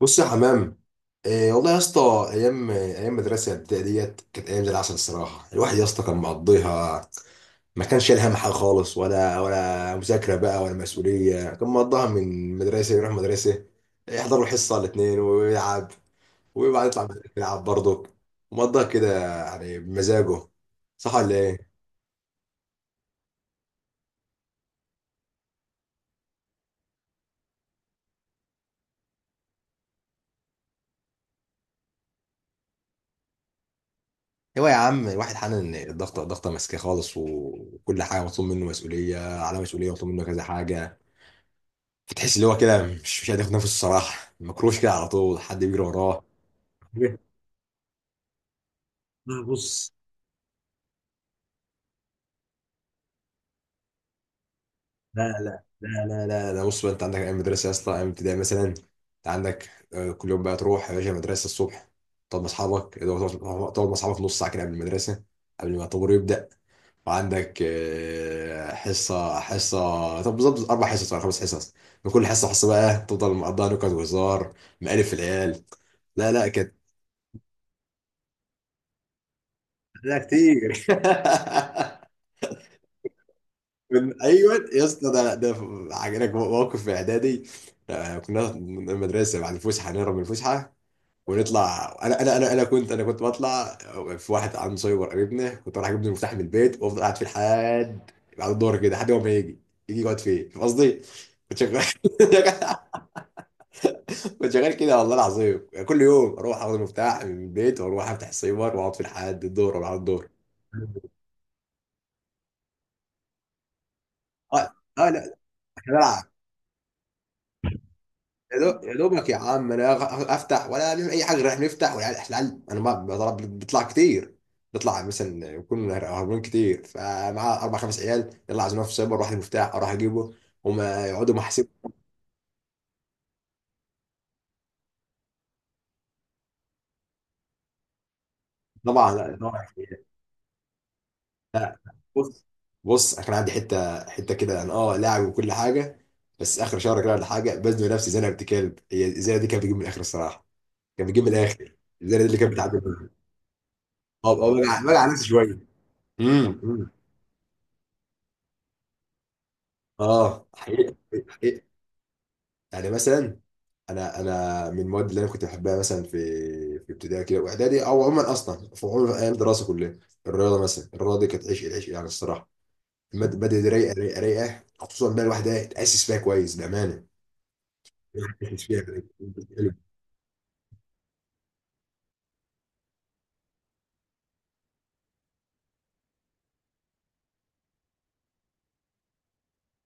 بص يا حمام. إيه والله يا اسطى. ايام ايام مدرسه الابتدائيه ديت كانت ايام زي العسل الصراحه، الواحد يا اسطى كان مقضيها. ما كانش شايل هم حاجه خالص، ولا مذاكره بقى ولا مسؤوليه، كان مقضيها من مدرسه يروح مدرسه، يحضر الحصه الاثنين ويلعب. وبعد يطلع من المدرسة يلعب برضه. مقضيها كده يعني بمزاجه. صح ولا ايه؟ هو يا عم الواحد حنن إن الضغطه الضغطه ماسكاه خالص، وكل حاجه مطلوب منه مسؤوليه على مسؤوليه، مطلوب منه كذا حاجه. فتحس اللي هو كده مش قادر ياخد نفسه الصراحه، مكروش كده على طول حد بيجري وراه. لا، بص. لا لا لا لا لا لا، بص بقى. انت عندك ايام مدرسه يا اسطى، ايام ابتدائي مثلا، انت عندك، كل يوم بقى تروح يا باشا المدرسه الصبح، تقعد مع اصحابك اللي هو تقعد مع اصحابك نص ساعه كده قبل المدرسه، قبل ما الطابور يبدا. وعندك، حصه حصه. طب بالظبط اربع حصص ولا خمس حصص؟ من كل حصه حصه بقى تفضل مقضيها نكت وهزار، مقالب في العيال. لا لا كانت. لا، كتير. من، ايوه يا اسطى. ده عجبك موقف في اعدادي. كنا من المدرسه بعد الفسحه نهرب من الفسحه، ونطلع انا كنت بطلع. في واحد عنده سايبر قريبنا، كنت بروح اجيب له المفتاح من البيت وافضل قاعد فيه لحد بعد الظهر كده، لحد ما يجي يقعد فيه، فاهم قصدي؟ كنت شغال. كنت شغال كده والله العظيم، كل يوم اروح اخد المفتاح من البيت واروح افتح السايبر واقعد فيه لحد الظهر ولا بعد الظهر. اه. اه. لا. يا دوبك يا عم انا افتح، ولا نعمل اي حاجه، رايح نفتح. والعيال انا ما بضرب، بيطلع كتير، بيطلع مثلا يكون هربان كتير، فمعاه اربع خمس عيال يلا عايزين في سايبر واحد، مفتاح اروح اجيبه وما يقعدوا محاسب. طبعا، لا طبعا. لا، بص. بص انا كان عندي حته حته كده، انا اه لاعب وكل حاجه، بس اخر شهر كده ولا حاجه بزنق نفسي زي انا بنت كلب. هي الزينه دي كانت بتجيب من الاخر الصراحه، كانت بتجيب من الاخر. الزينه دي اللي كانت بتعدي منها. اه، بجع بجع نفسي شويه. امم اه حقيقة. حقيقة. يعني مثلا، انا من المواد اللي انا كنت بحبها مثلا في، ابتدائي كده واعدادي، او عموما اصلا في، عموما ايام الدراسه كلها، الرياضه مثلا. الرياضه دي كانت عشق العشق يعني الصراحه. المادة دي رايقه رايقه رايقه، خصوصا بقى الواحد، اتاسس فيها كويس بامانه. الواحد اتاسس فيها كويس.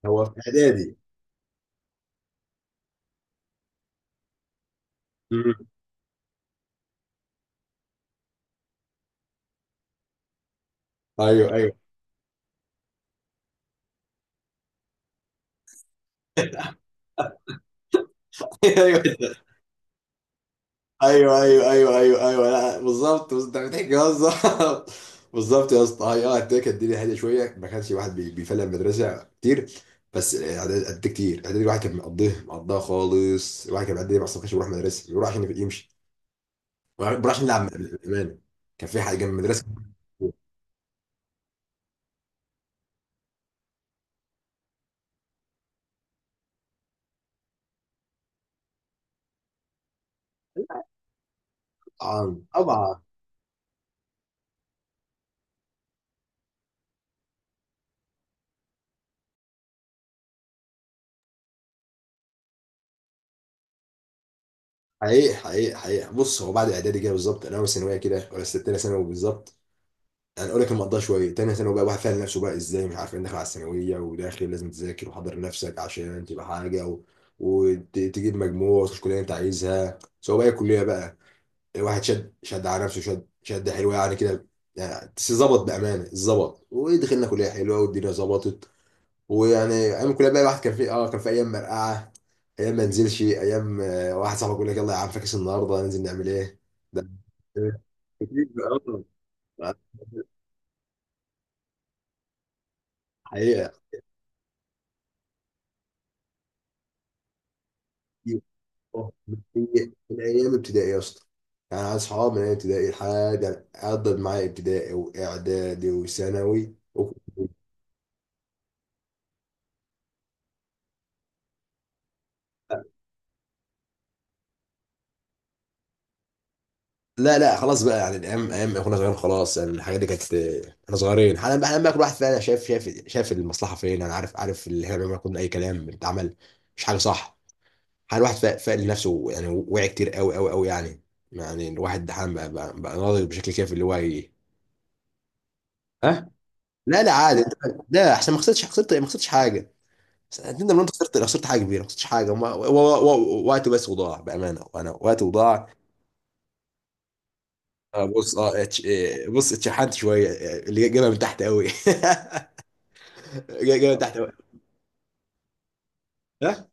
هو في اعدادي. مم. ايوه، ايوه. ايوه ايوه ايوه ايوه ايوه ايوه، لا بالظبط، بس انت بتحكي بالظبط. بالظبط يا اسطى، هي اه اديك الدنيا هاديه شويه، ما كانش واحد بيفلق من المدرسه كتير. بس اعدادي قد كتير، اعدادي الواحد كان مقضيه مقضاه خالص. الواحد كان بيعدي اصلا، ما كانش بيروح مدرسه، بيروح عشان يمشي، بيروح عشان يلعب بامانه. كان في حاجه جنب المدرسه. طبعا طبعا. حقيقي حقيقي حقيقي. بص هو بعد اعدادي كده بالظبط، انا اول ثانويه كده ولا ستة ثانوي بالظبط. يعني اقول لك المقضيه شويه، تاني سنه بقى واحد فاهم نفسه بقى ازاي، مش عارف انت داخل على الثانويه، وداخل لازم تذاكر وحضر نفسك عشان تبقى حاجه، وتجيب مجموع وتخش كليه انت عايزها، سواء بقى الكليه بقى، الواحد شد شد على نفسه، شد شد، حلوه يعني كده يعني. بس ظبط بامانه، ظبط ودخلنا كليه حلوه والدنيا ظبطت. ويعني ايام الكليه بقى الواحد كان في اه، كان في ايام مرقعه، ايام ما نزلش، ايام، واحد صاحبي يقول لك يلا يا عم، فاكس النهارده ننزل نعمل ايه. ده. كتير بقى. حقيقة. أوه. هي من ايام ابتدائي يا اسطى. يعني أنا اصحاب من ايام ابتدائي لحد، عدت معايا ابتدائي واعدادي وثانوي وكلية. لا لا خلاص بقى، يعني الايام، ايام احنا صغيرين خلاص، يعني الحاجات دي كانت احنا صغيرين. حالا بقى، حالا بقى كل واحد فينا شايف، المصلحه فين. انا عارف، اللي احنا بنعمله كنا اي كلام بيتعمل، مش حاجه صح. حالا الواحد فاق لنفسه، يعني وعي كتير، قوي قوي قوي يعني. يعني الواحد حالا بقى ناضج بشكل كافي اللي هو ها. لا لا عادي. لا احسن، ما خسرتش، ما خسرتش حاجه. تندم ان انت خسرت، حاجه كبيره ما خسرتش حاجه، وقت بس وضاع بامانه، وانا وقت وضاع. بص اتشحنت شويه، اللي جابها من تحت قوي. جابها من تحت قوي. لا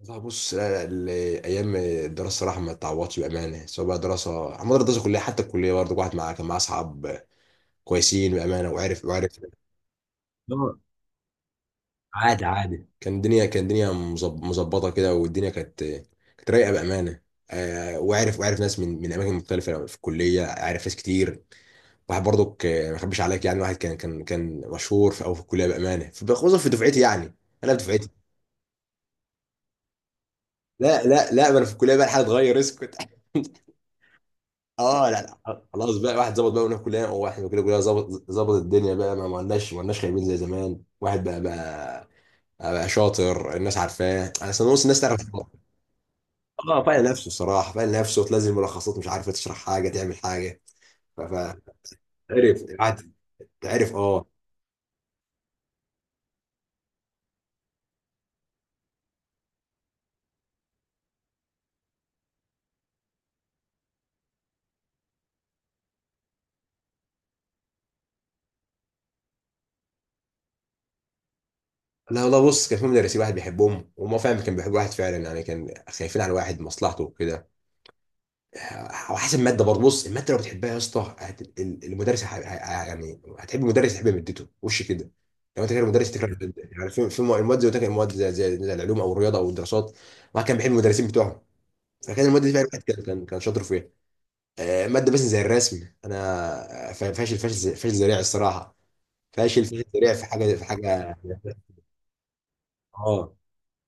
والله بص، لا لا، ال- ايام الدراسه صراحه ما تعوضش بامانه، سواء بقى دراسه عموما، الدراسه كلها، حتى الكليه برضه، واحد معاه كان معاه اصحاب كويسين بامانه، وعرف عادي عادي، كان الدنيا مظبطه كده، والدنيا كانت رايقه بامانه. وعارف، ناس من اماكن مختلفه في الكليه، عارف ناس كتير. واحد برضك، ما اخبيش عليك يعني، واحد كان مشهور في او في الكليه بامانه، خصوصا في دفعتي يعني، انا في دفعتي. لا لا لا، ما انا في الكليه بقى الحاجه اتغير، اسكت. اه، لا لا، خلاص بقى واحد ظبط بقى. وانا في كليه واحد كده، كليه ظبط، ظبط الدنيا بقى. ما لناش، خايبين زي زمان. واحد بقى، شاطر، الناس عارفاه، انا اصلا نص الناس تعرف. اه فايق نفسه الصراحه، فايق نفسه، وتنزل ملخصات مش عارفه تشرح حاجه تعمل حاجه. ف- فعرف قعد، عرف. اه. لا والله بص كان في مدرسين، واحد بيحبهم وما فاهم، كان بيحب واحد فعلا يعني، كان خايفين على واحد مصلحته وكده. آه، وحسب الماده برضه. بص الماده لو بتحبها يا اسطى المدرس يعني هتحب المدرس، تحب مادته وش كده. لو انت كده، المدرس تكره الماده. يعني في المواد زي ما قلت لك، المواد زي، العلوم او الرياضه او الدراسات، واحد كان بيحب المدرسين بتوعهم، فكان الماده دي فعلا واحد كان شاطر فيها. ماده مثلا زي الرسم، انا فاشل فاشل فاشل ذريع الصراحه. فاشل فاشل ذريع في حاجه، اه.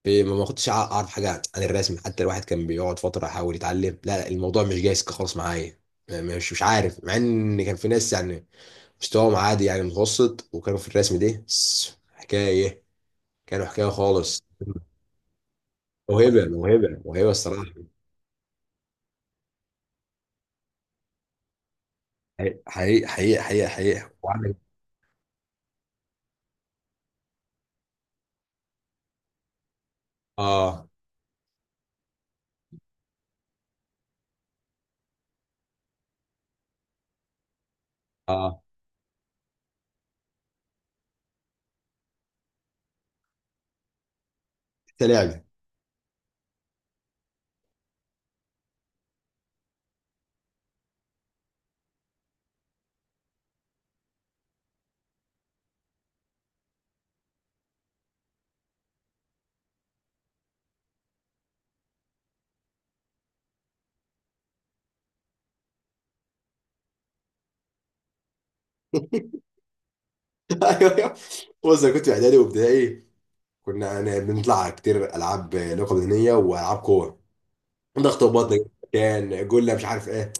في، ما كنتش اعرف حاجه عن الرسم. حتى الواحد كان بيقعد فتره يحاول يتعلم، لا لا، الموضوع مش جايز خالص معايا. مش عارف، مع ان كان في ناس يعني مستواهم عادي، يعني متوسط، وكانوا في الرسم ده حكايه، كانوا حكايه خالص. موهبه موهبه موهبه الصراحه. حقيقي حقيقي حقيقي حقيقي. وعندك. اه. اه. حتى لعب. ايوه ايوه. بص انا كنت في اعدادي وابتدائي، كنا يعني بنطلع كتير العاب، لعبه بدنيه والعاب كوره، ضغط وبطن، كان جله مش عارف ايه.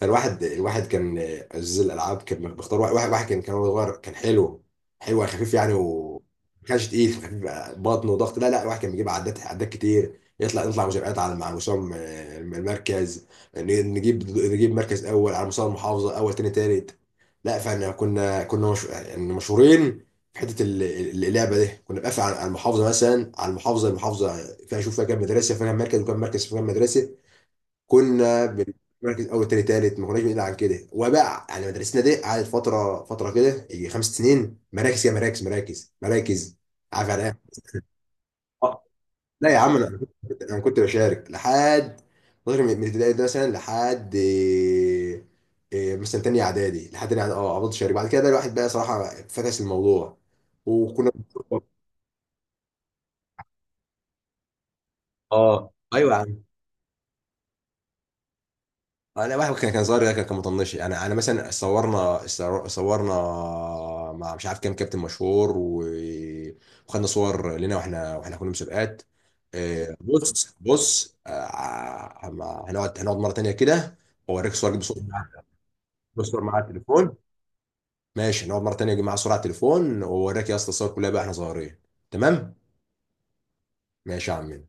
فالواحد كان عزيز الالعاب، كان بيختار واحد كان، هو صغير كان حلو، حلو يعني، خفيف يعني، و ما كانش تقيل، خفيف. بطن وضغط، لا لا، الواحد كان بيجيب عدات عدات كتير يطلع، نطلع مسابقات، على مع مسام المركز. ن- نجيب مركز اول على مستوى المحافظه، اول تاني تالت. لا فاحنا كنا مش، يعني مشهورين في حته اللعبه دي، كنا بنقفل على المحافظه، مثلا على المحافظه كان اشوف فيها كام مدرسه، فيها كام مركز، وكام مركز في كام مدرسه. كنا بنركز اول تاني تالت، ما كناش بنقل عن كده. وبقى يعني مدرستنا دي قعدت فتره كده يجي 5 سنين، مراكز يا مراكز مراكز مراكز. عارف يعني ايه؟ آه. لا يا عم، انا كنت، بشارك لحد فتره، من الابتدائي ده مثلا، لحد إيه، إيه مثلا تاني اعدادي، لحد تاني إعدادي، اه فضلت شارك. بعد كده بقى الواحد بقى صراحه فكس الموضوع، وكنا. اه، ايوه. انا واحد كان كان صغير، كان كان مطنش يعني. انا مثلا صورنا، صورنا مع مش عارف كام كابتن مشهور، و- وخدنا صور لنا، واحنا كنا مسابقات. هنقعد مره تانيه كده واوريك صور، اجيب صور مع، أجيب صور مع التليفون. ماشي، هنقعد مره تانيه اجيب معايا صور على التليفون واوريك يا اسطى الصور كلها بقى احنا صغيرين. تمام. ماشي يا عم.